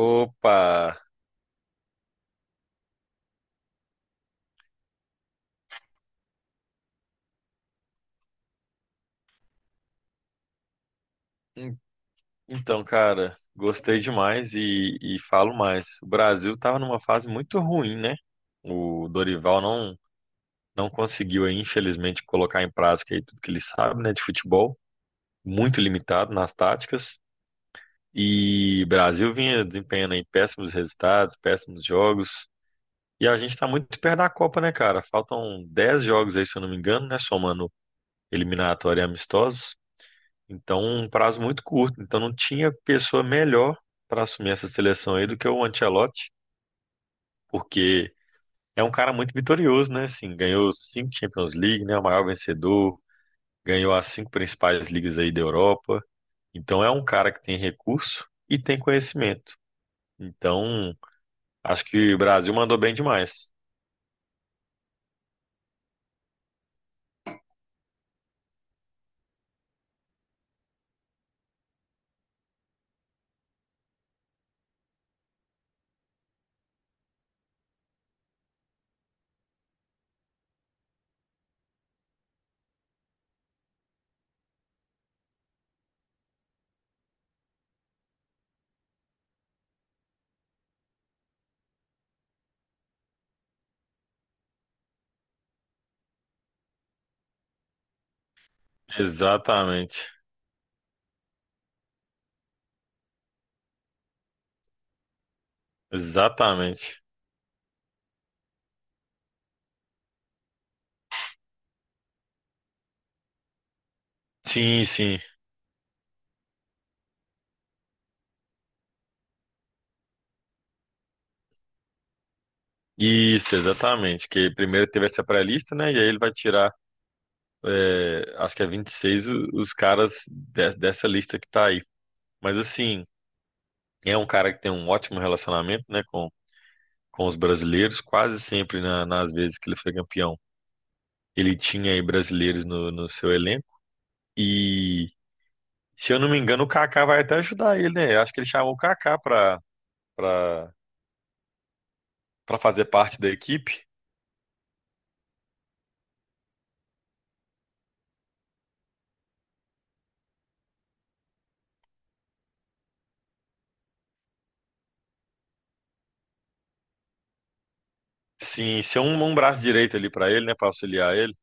Opa! En- Então, cara, gostei demais e falo mais. O Brasil estava numa fase muito ruim, né? O Dorival não conseguiu, aí, infelizmente, colocar em prática aí tudo que ele sabe, né, de futebol, muito limitado nas táticas. E o Brasil vinha desempenhando aí péssimos resultados, péssimos jogos. E a gente está muito perto da Copa, né, cara? Faltam 10 jogos aí, se eu não me engano, né? Somando eliminatória e amistosos. Então, um prazo muito curto. Então, não tinha pessoa melhor para assumir essa seleção aí do que o Ancelotti, porque é um cara muito vitorioso, né? Assim, ganhou cinco Champions League, né? O maior vencedor, ganhou as cinco principais ligas aí da Europa. Então, é um cara que tem recurso e tem conhecimento. Então, acho que o Brasil mandou bem demais. Exatamente, exatamente. Sim, sim. Isso, exatamente. Que primeiro teve essa pré-lista, né? E aí ele vai tirar acho que é 26 os caras dessa lista que tá aí. Mas assim, é um cara que tem um ótimo relacionamento, né, com os brasileiros, quase sempre nas vezes que ele foi campeão. Ele tinha aí brasileiros no seu elenco. E, se eu não me engano, o Kaká vai até ajudar ele, né? Eu acho que ele chamou o Kaká pra, pra fazer parte da equipe. Sim, ser um braço direito ali pra ele, né, pra auxiliar ele.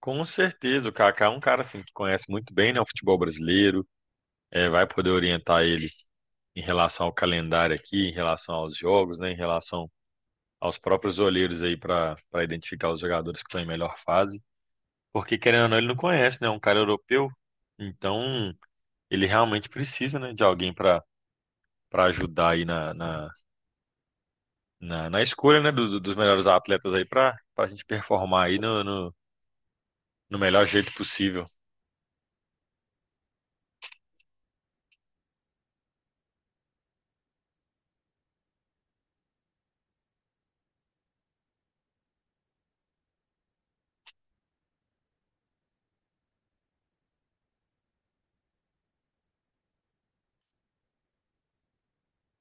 Com certeza, o Kaká é um cara assim que conhece muito bem, né, o futebol brasileiro, vai poder orientar ele em relação ao calendário aqui, em relação aos jogos, né, em relação aos próprios olheiros aí para identificar os jogadores que estão em melhor fase, porque querendo ou não, ele não conhece, né, é um cara europeu, então ele realmente precisa, né, de alguém para ajudar aí na escolha, né, dos melhores atletas aí para a gente performar aí no melhor jeito possível.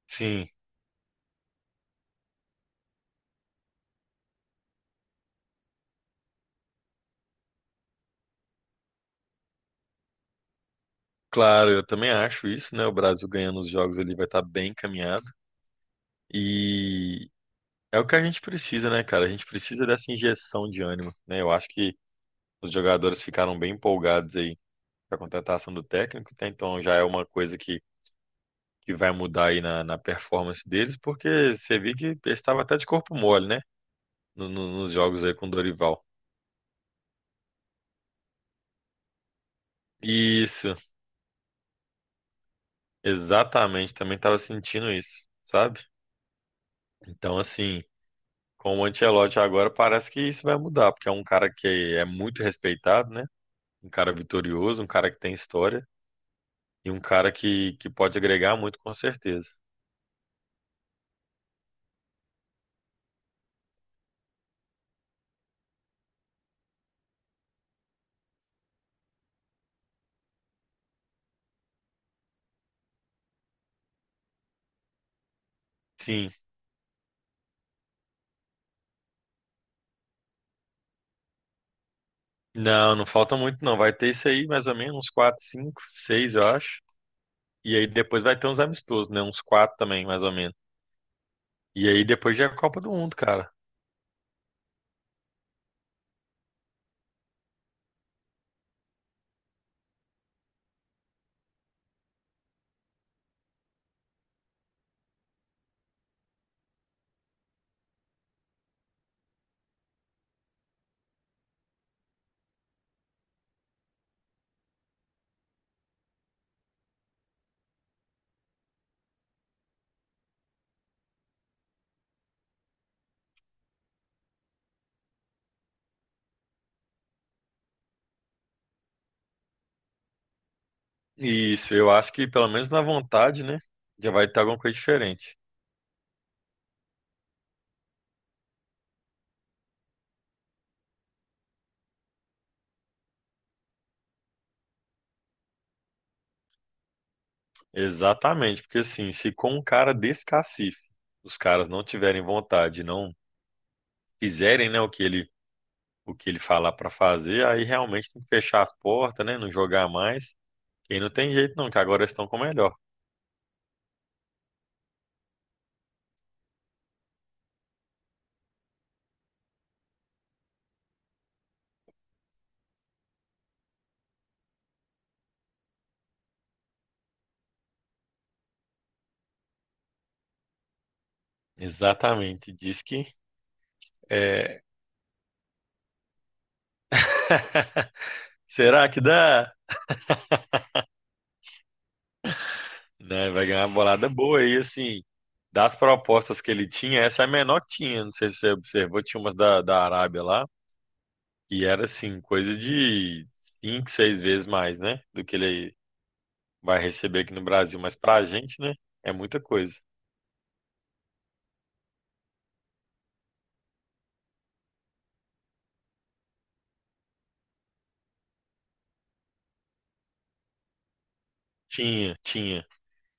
Sim. Claro, eu também acho isso, né? O Brasil ganhando os jogos ele vai estar bem encaminhado. E, É o que a gente precisa, né, cara? A gente precisa dessa injeção de ânimo, né? Eu acho que os jogadores ficaram bem empolgados aí com a contratação do técnico, tá? Então já é uma coisa que vai mudar aí na performance deles, porque você viu que ele estava até de corpo mole, né? Nos jogos aí com o Dorival. Isso, exatamente, também estava sentindo isso, sabe? Então, assim, com o Ancelotti agora parece que isso vai mudar, porque é um cara que é muito respeitado, né? Um cara vitorioso, um cara que tem história. E um cara que pode agregar muito, com certeza. Sim. Não, não falta muito, não. Vai ter isso aí, mais ou menos, uns 4, 5, 6, eu acho. E aí depois vai ter uns amistosos, né? Uns 4 também, mais ou menos. E aí depois já é a Copa do Mundo, cara. Isso, eu acho que pelo menos na vontade, né? Já vai ter alguma coisa diferente. Exatamente, porque assim, se com um cara desse cacife, os caras não tiverem vontade, não fizerem, né, o que ele falar pra fazer, aí realmente tem que fechar as portas, né? Não jogar mais. E não tem jeito não, que agora estão com o melhor. Exatamente. Diz que é, será que dá? Né? Vai ganhar uma bolada boa e assim, das propostas que ele tinha, essa é a menor que tinha. Não sei se você observou, tinha umas da Arábia lá, e era assim, coisa de cinco, seis vezes mais, né? Do que ele vai receber aqui no Brasil. Mas pra gente, né? É muita coisa. Tinha, tinha.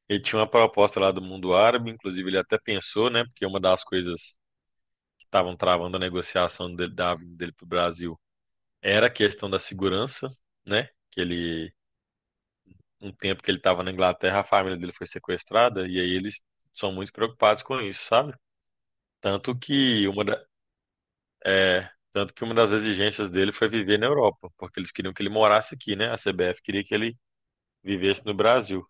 Ele tinha uma proposta lá do mundo árabe, inclusive ele até pensou, né? Porque uma das coisas estavam travando a negociação dele, da vinda dele para o Brasil era a questão da segurança, né? Que ele, um tempo que ele estava na Inglaterra, a família dele foi sequestrada e aí eles são muito preocupados com isso, sabe? Tanto que uma, da- Tanto que uma das exigências dele foi viver na Europa, porque eles queriam que ele morasse aqui, né? A CBF queria que ele vivesse no Brasil.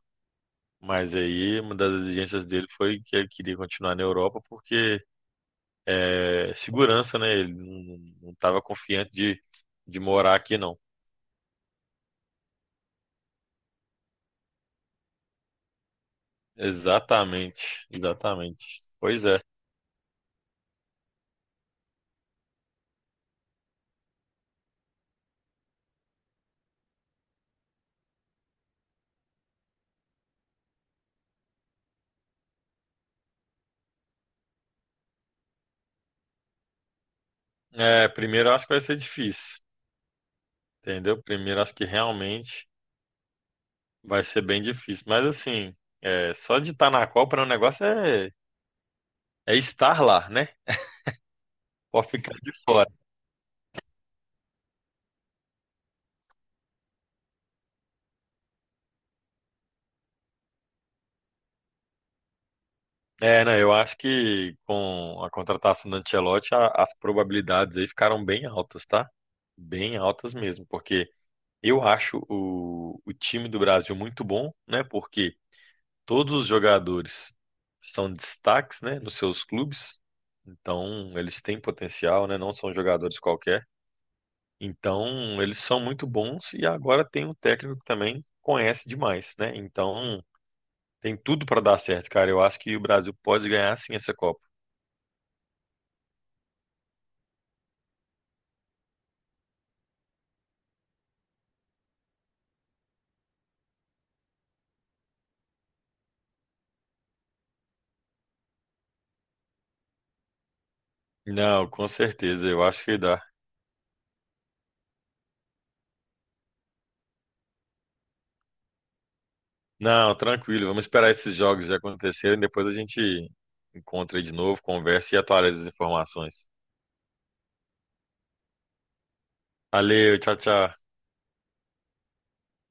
Mas aí uma das exigências dele foi que ele queria continuar na Europa porque segurança, né? Ele não estava confiante de morar aqui, não. Exatamente, exatamente. Pois é. É, primeiro eu acho que vai ser difícil, entendeu? Primeiro eu acho que realmente vai ser bem difícil. Mas assim, só de estar na Copa né, o negócio é estar lá, né? Pode ficar de fora. É, não, eu acho que com a contratação do Ancelotti, as probabilidades aí ficaram bem altas, tá? Bem altas mesmo, porque eu acho o time do Brasil muito bom, né? Porque todos os jogadores são destaques, né, nos seus clubes. Então, eles têm potencial, né? Não são jogadores qualquer. Então, eles são muito bons e agora tem um técnico que também conhece demais, né? Então, tem tudo para dar certo, cara. Eu acho que o Brasil pode ganhar sim essa Copa. Não, com certeza, eu acho que dá. Não, tranquilo, vamos esperar esses jogos acontecerem, depois a gente encontra aí de novo, conversa e atualiza as informações. Valeu, tchau, tchau.